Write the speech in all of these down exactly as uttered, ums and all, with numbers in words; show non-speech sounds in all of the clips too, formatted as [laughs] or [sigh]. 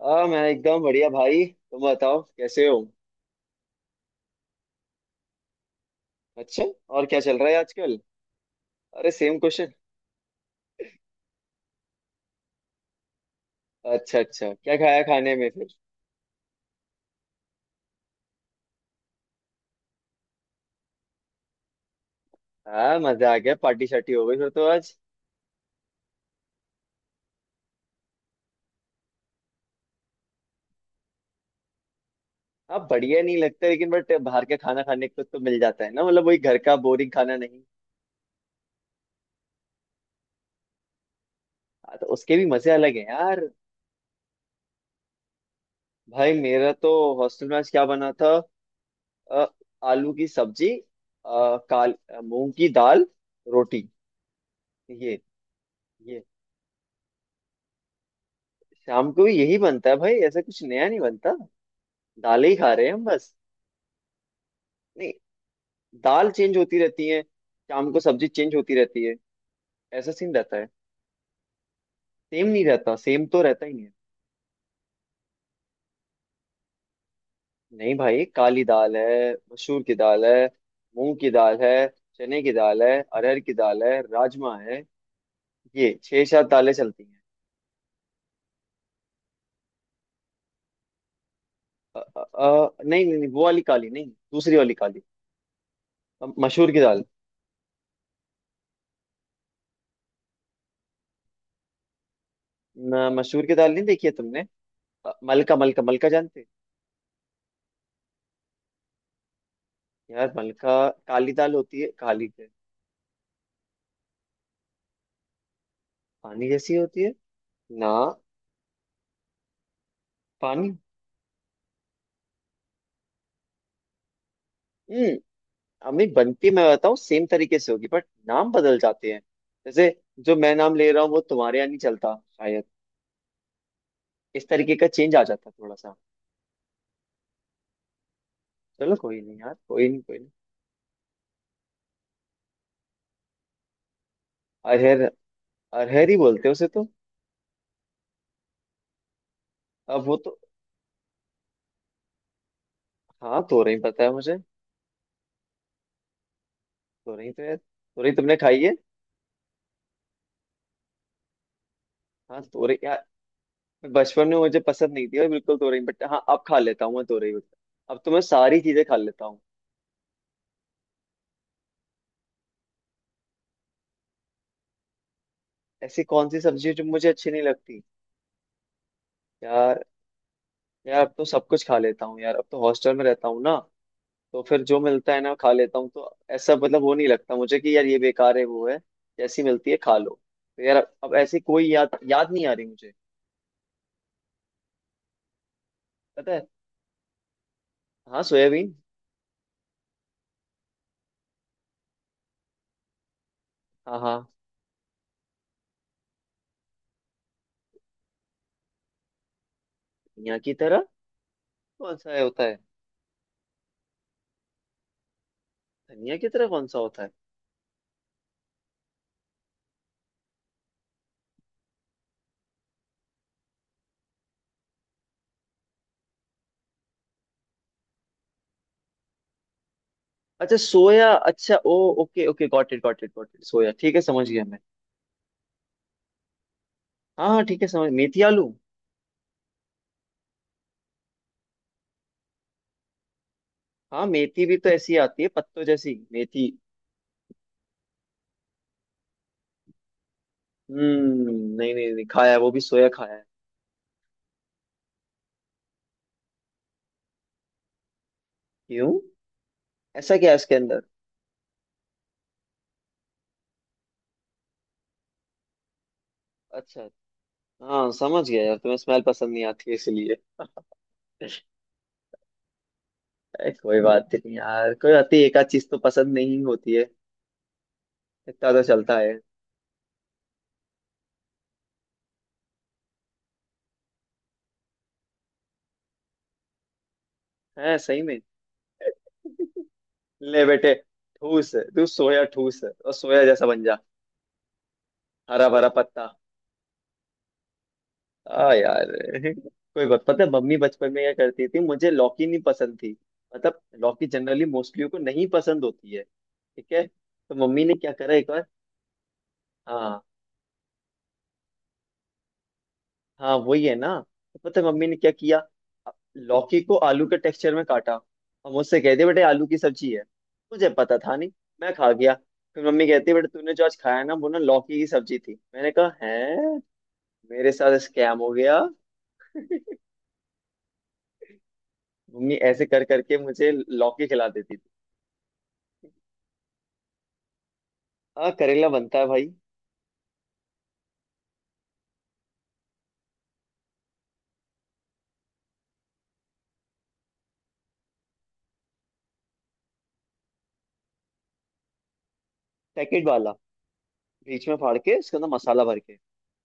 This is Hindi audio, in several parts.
आ, मैं एकदम बढ़िया भाई। तुम बताओ कैसे हो। अच्छा। और क्या चल रहा है आजकल। अरे सेम क्वेश्चन। अच्छा अच्छा, क्या खाया खाने में फिर। हाँ, मजा आ गया। पार्टी शार्टी हो गई फिर तो आज। हाँ बढ़िया नहीं लगता लेकिन बट बाहर का खाना खाने को तो मिल जाता है ना, मतलब वही घर का बोरिंग खाना नहीं। हाँ, तो उसके भी मजे अलग है यार। भाई मेरा तो हॉस्टल में आज क्या बना था। अ, आलू की सब्जी। अ, काल अ, मूंग की दाल, रोटी। ये ये शाम को भी यही बनता है भाई, ऐसा कुछ नया नहीं बनता। दालें ही खा रहे हैं हम बस। नहीं, दाल चेंज होती रहती है, शाम को सब्जी चेंज होती रहती है। ऐसा सीन रहता है। सेम नहीं रहता, सेम तो रहता ही नहीं है। नहीं भाई, काली दाल है, मसूर की दाल है, मूंग की दाल है, चने की दाल है, अरहर की दाल है, राजमा है। ये छह सात दालें चलती हैं। अ, अ, अ, नहीं नहीं नहीं, वो वाली काली नहीं, दूसरी वाली काली। अ, मसूर की दाल। न, मसूर की दाल नहीं देखी है तुमने। अ, मलका मलका मलका जानते हो? यार मलका, काली दाल होती है, काली दाल। पानी जैसी होती है ना। पानी। हम्म। अम्मी बनती मैं बताऊँ सेम तरीके से होगी बट नाम बदल जाते हैं। जैसे जो मैं नाम ले रहा हूँ वो तुम्हारे यहाँ नहीं चलता शायद। इस तरीके का चेंज आ जाता थोड़ा सा। चलो कोई नहीं यार, कोई नहीं, कोई नहीं। अरहर, अरहर ही बोलते हैं उसे तो। अब वो तो। हाँ तोरई पता है मुझे। तोरई तो यार, तोरई तुमने खाई है। हाँ तोरई यार, बचपन में मुझे पसंद नहीं थी और बिल्कुल तोरई बट हाँ, अब खा लेता हूँ मैं तोरई। अब तो मैं सारी चीजें खा लेता हूँ। ऐसी कौन सी सब्जी है जो मुझे अच्छी नहीं लगती। यार, यार अब तो सब कुछ खा लेता हूँ यार, अब तो हॉस्टल में रहता हूँ ना, तो फिर जो मिलता है ना खा लेता हूँ। तो ऐसा मतलब वो नहीं लगता मुझे कि यार ये बेकार है, वो है। जैसी मिलती है खा लो। तो यार अब ऐसी कोई याद याद नहीं आ रही मुझे। पता है। हाँ सोयाबीन। हाँ हाँ। धनिया की तरह कौन सा है होता है। धनिया की तरह कौन सा होता है। अच्छा सोया, अच्छा ओ। Okay okay, got it got it got it, सोया ठीक है, समझ गया मैं। हाँ हाँ ठीक है, समझ। मेथी आलू। हाँ मेथी भी तो ऐसी आती है पत्तों जैसी मेथी। हम्म। नहीं नहीं नहीं खाया है, वो भी सोया खाया है। क्यों। ऐसा क्या है इसके अंदर। अच्छा। हाँ समझ गया यार, तुम्हें स्मेल पसंद नहीं आती है इसलिए। [laughs] अरे, कोई बात नहीं यार, कोई बात नहीं, एक आध चीज तो पसंद नहीं होती है। इतना तो चलता है। है सही में। ले बेटे, ठूस, तू सोया ठूस और सोया जैसा बन जा। हरा भरा पत्ता। आ यार, कोई बात पता है मम्मी बचपन में क्या करती थी। मुझे लौकी नहीं पसंद थी, मतलब लौकी जनरली मोस्टली को नहीं पसंद होती है, ठीक है। तो मम्मी ने क्या करा एक बार। हाँ हाँ, वही है ना। तो पता है मम्मी ने क्या किया। लौकी को आलू के टेक्सचर में काटा और मुझसे कहते बेटे आलू की सब्जी है। मुझे पता था नहीं, मैं खा गया। फिर मम्मी कहती बेटे तूने जो आज खाया ना, वो ना लौकी की सब्जी थी। मैंने कहा है, मेरे साथ स्कैम हो गया। [laughs] मम्मी ऐसे कर करके मुझे लौकी खिला देती थी। हाँ करेला बनता है भाई। पैकेट वाला, बीच में फाड़ के उसके अंदर मसाला भर के,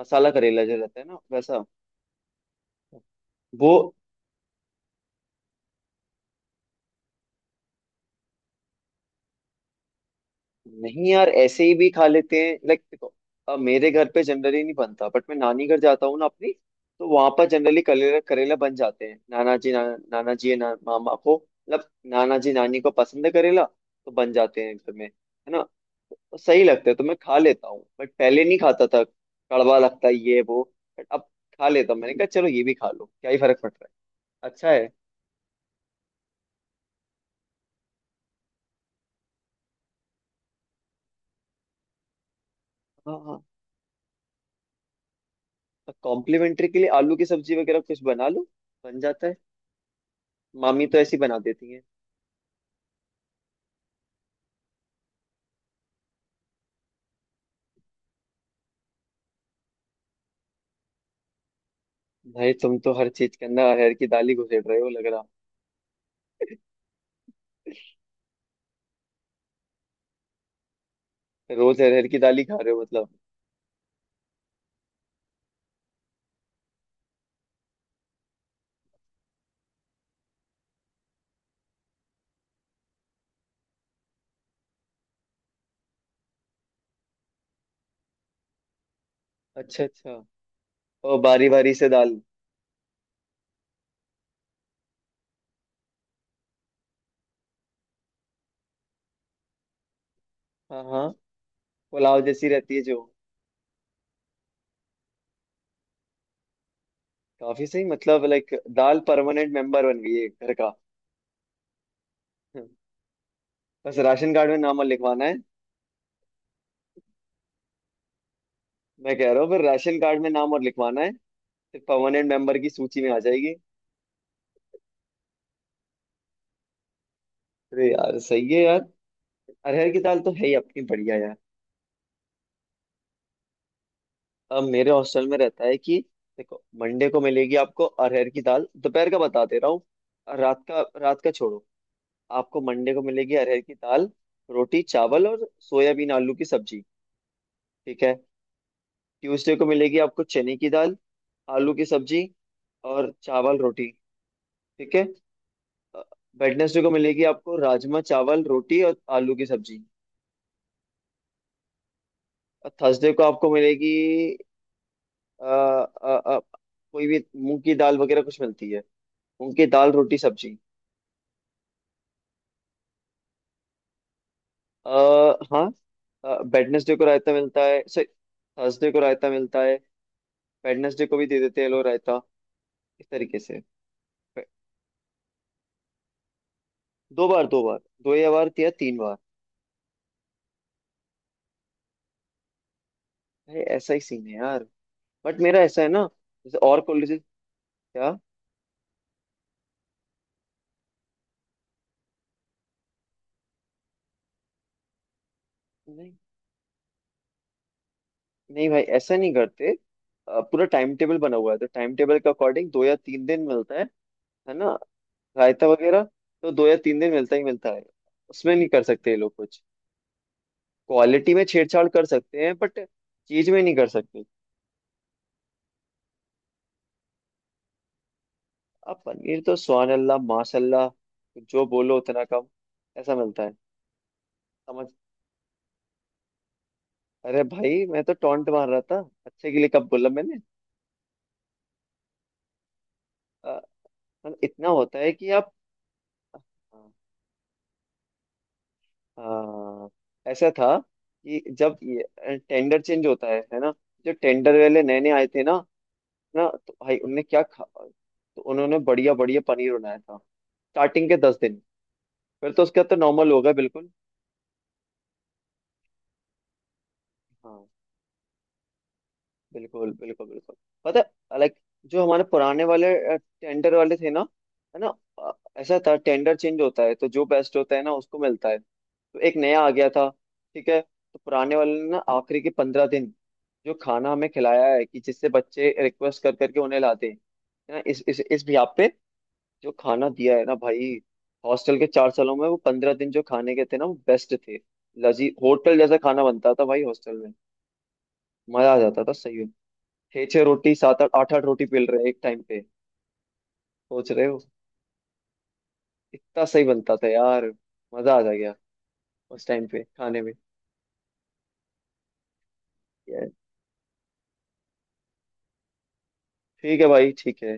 मसाला करेला जो रहता है ना वैसा। वो। नहीं यार, ऐसे ही भी खा लेते हैं लाइक। देखो अब मेरे घर पे जनरली नहीं बनता बट मैं नानी घर जाता हूँ ना अपनी, तो वहां पर जनरली करेला करेला बन जाते हैं। नाना जी ना, नाना जी ना, मामा को मतलब नाना जी नानी को पसंद है करेला, तो बन जाते हैं घर में, है ना। तो सही लगता है तो मैं खा लेता हूँ बट पहले नहीं खाता था, कड़वा लगता है ये वो। बट अब खा लेता हूँ। मैंने कहा चलो ये भी खा लो, क्या ही फर्क पड़ रहा है। अच्छा है। हाँ हाँ। तो कॉम्प्लीमेंट्री के लिए आलू की सब्जी वगैरह कुछ बना लो, बन जाता है। मामी तो ऐसी बना देती है। भाई तुम तो हर चीज के अंदर अरहर की दाल ही घुसेड़ रहे हो लग रहा। रोज अरहर की दाल ही खा रहे हो मतलब। अच्छा अच्छा। और बारी बारी से दाल। हाँ हाँ। पुलाव जैसी रहती है जो। काफी सही, मतलब लाइक दाल परमानेंट मेंबर बन गई है घर का। हम्म, बस राशन कार्ड में नाम और लिखवाना है। मैं कह रहा हूँ फिर राशन कार्ड में नाम और लिखवाना है, फिर परमानेंट मेंबर की सूची में आ जाएगी। अरे यार सही है यार, अरहर की दाल तो है ही अपनी बढ़िया यार। अब मेरे हॉस्टल में रहता है कि देखो, मंडे को मिलेगी आपको अरहर की दाल, दोपहर का बता दे रहा हूँ, रात का, रात का छोड़ो। आपको मंडे को मिलेगी अरहर की दाल, रोटी चावल और सोयाबीन आलू की सब्जी। ठीक है। ट्यूसडे को मिलेगी आपको चने की दाल, आलू की सब्जी और चावल रोटी। ठीक है। वेडनेसडे को मिलेगी आपको राजमा चावल रोटी और आलू की सब्जी। और थर्सडे को आपको मिलेगी अ, अ, अ, कोई भी मूंग की दाल वगैरह कुछ मिलती है। मूंग की दाल रोटी सब्जी। अ, हाँ, वेडनेसडे को रायता मिलता है, सॉरी थर्सडे को रायता मिलता है। वेडनेसडे को भी दे देते हैं लोग रायता, इस तरीके से। वे- दो बार, दो बार, दो या बार या तीन बार। भाई ऐसा ही सीन है यार। बट मेरा ऐसा है ना, जैसे और कॉलेजेस। क्या। नहीं नहीं भाई, ऐसा नहीं करते। अ, पूरा टाइम टेबल बना हुआ है तो टाइम टेबल के अकॉर्डिंग दो या तीन दिन मिलता है है ना। रायता वगैरह तो दो या तीन दिन मिलता ही मिलता है। उसमें नहीं कर सकते ये लोग कुछ, क्वालिटी में छेड़छाड़ कर सकते हैं बट चीज में नहीं कर सकते। अब पनीर तो सुभान अल्लाह माशाल्लाह, जो बोलो उतना कम, ऐसा मिलता है। समझ। अरे भाई मैं तो टॉन्ट मार रहा था, अच्छे के लिए कब बोला मैंने। अ, मतलब इतना होता है कि आप। हाँ, ऐसा था कि जब ये टेंडर चेंज होता है है ना, जो टेंडर वाले नए नए आए थे ना, ना तो भाई उनने क्या खा, तो उन्होंने बढ़िया बढ़िया पनीर बनाया था स्टार्टिंग के दस दिन। फिर तो उसका तो नॉर्मल होगा बिल्कुल। हाँ बिल्कुल बिल्कुल बिल्कुल। पता है लाइक जो हमारे पुराने वाले टेंडर वाले थे ना, है ना। अ, ऐसा था टेंडर चेंज होता है तो जो बेस्ट होता है ना उसको मिलता है। तो एक नया आ गया था, ठीक है। तो पुराने वाले ने ना आखिरी के पंद्रह दिन जो खाना हमें खिलाया है कि जिससे बच्चे रिक्वेस्ट कर करके उन्हें लाते हैं, है ना, इस इस इस बिहाफ पे, जो खाना दिया है ना भाई, हॉस्टल के चार सालों में वो पंद्रह दिन जो खाने के थे ना, वो बेस्ट थे। लजी होटल जैसा खाना बनता था भाई हॉस्टल में। मजा आ जाता था सही। छह छह रोटी, सात आठ आठ आठ रोटी पेल रहे हैं एक टाइम पे, सोच रहे हो। इतना सही बनता था यार, मजा आ जा गया उस टाइम पे खाने में। Yeah. ठीक है भाई ठीक है।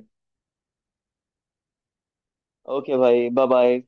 ओके भाई, बाय बाय।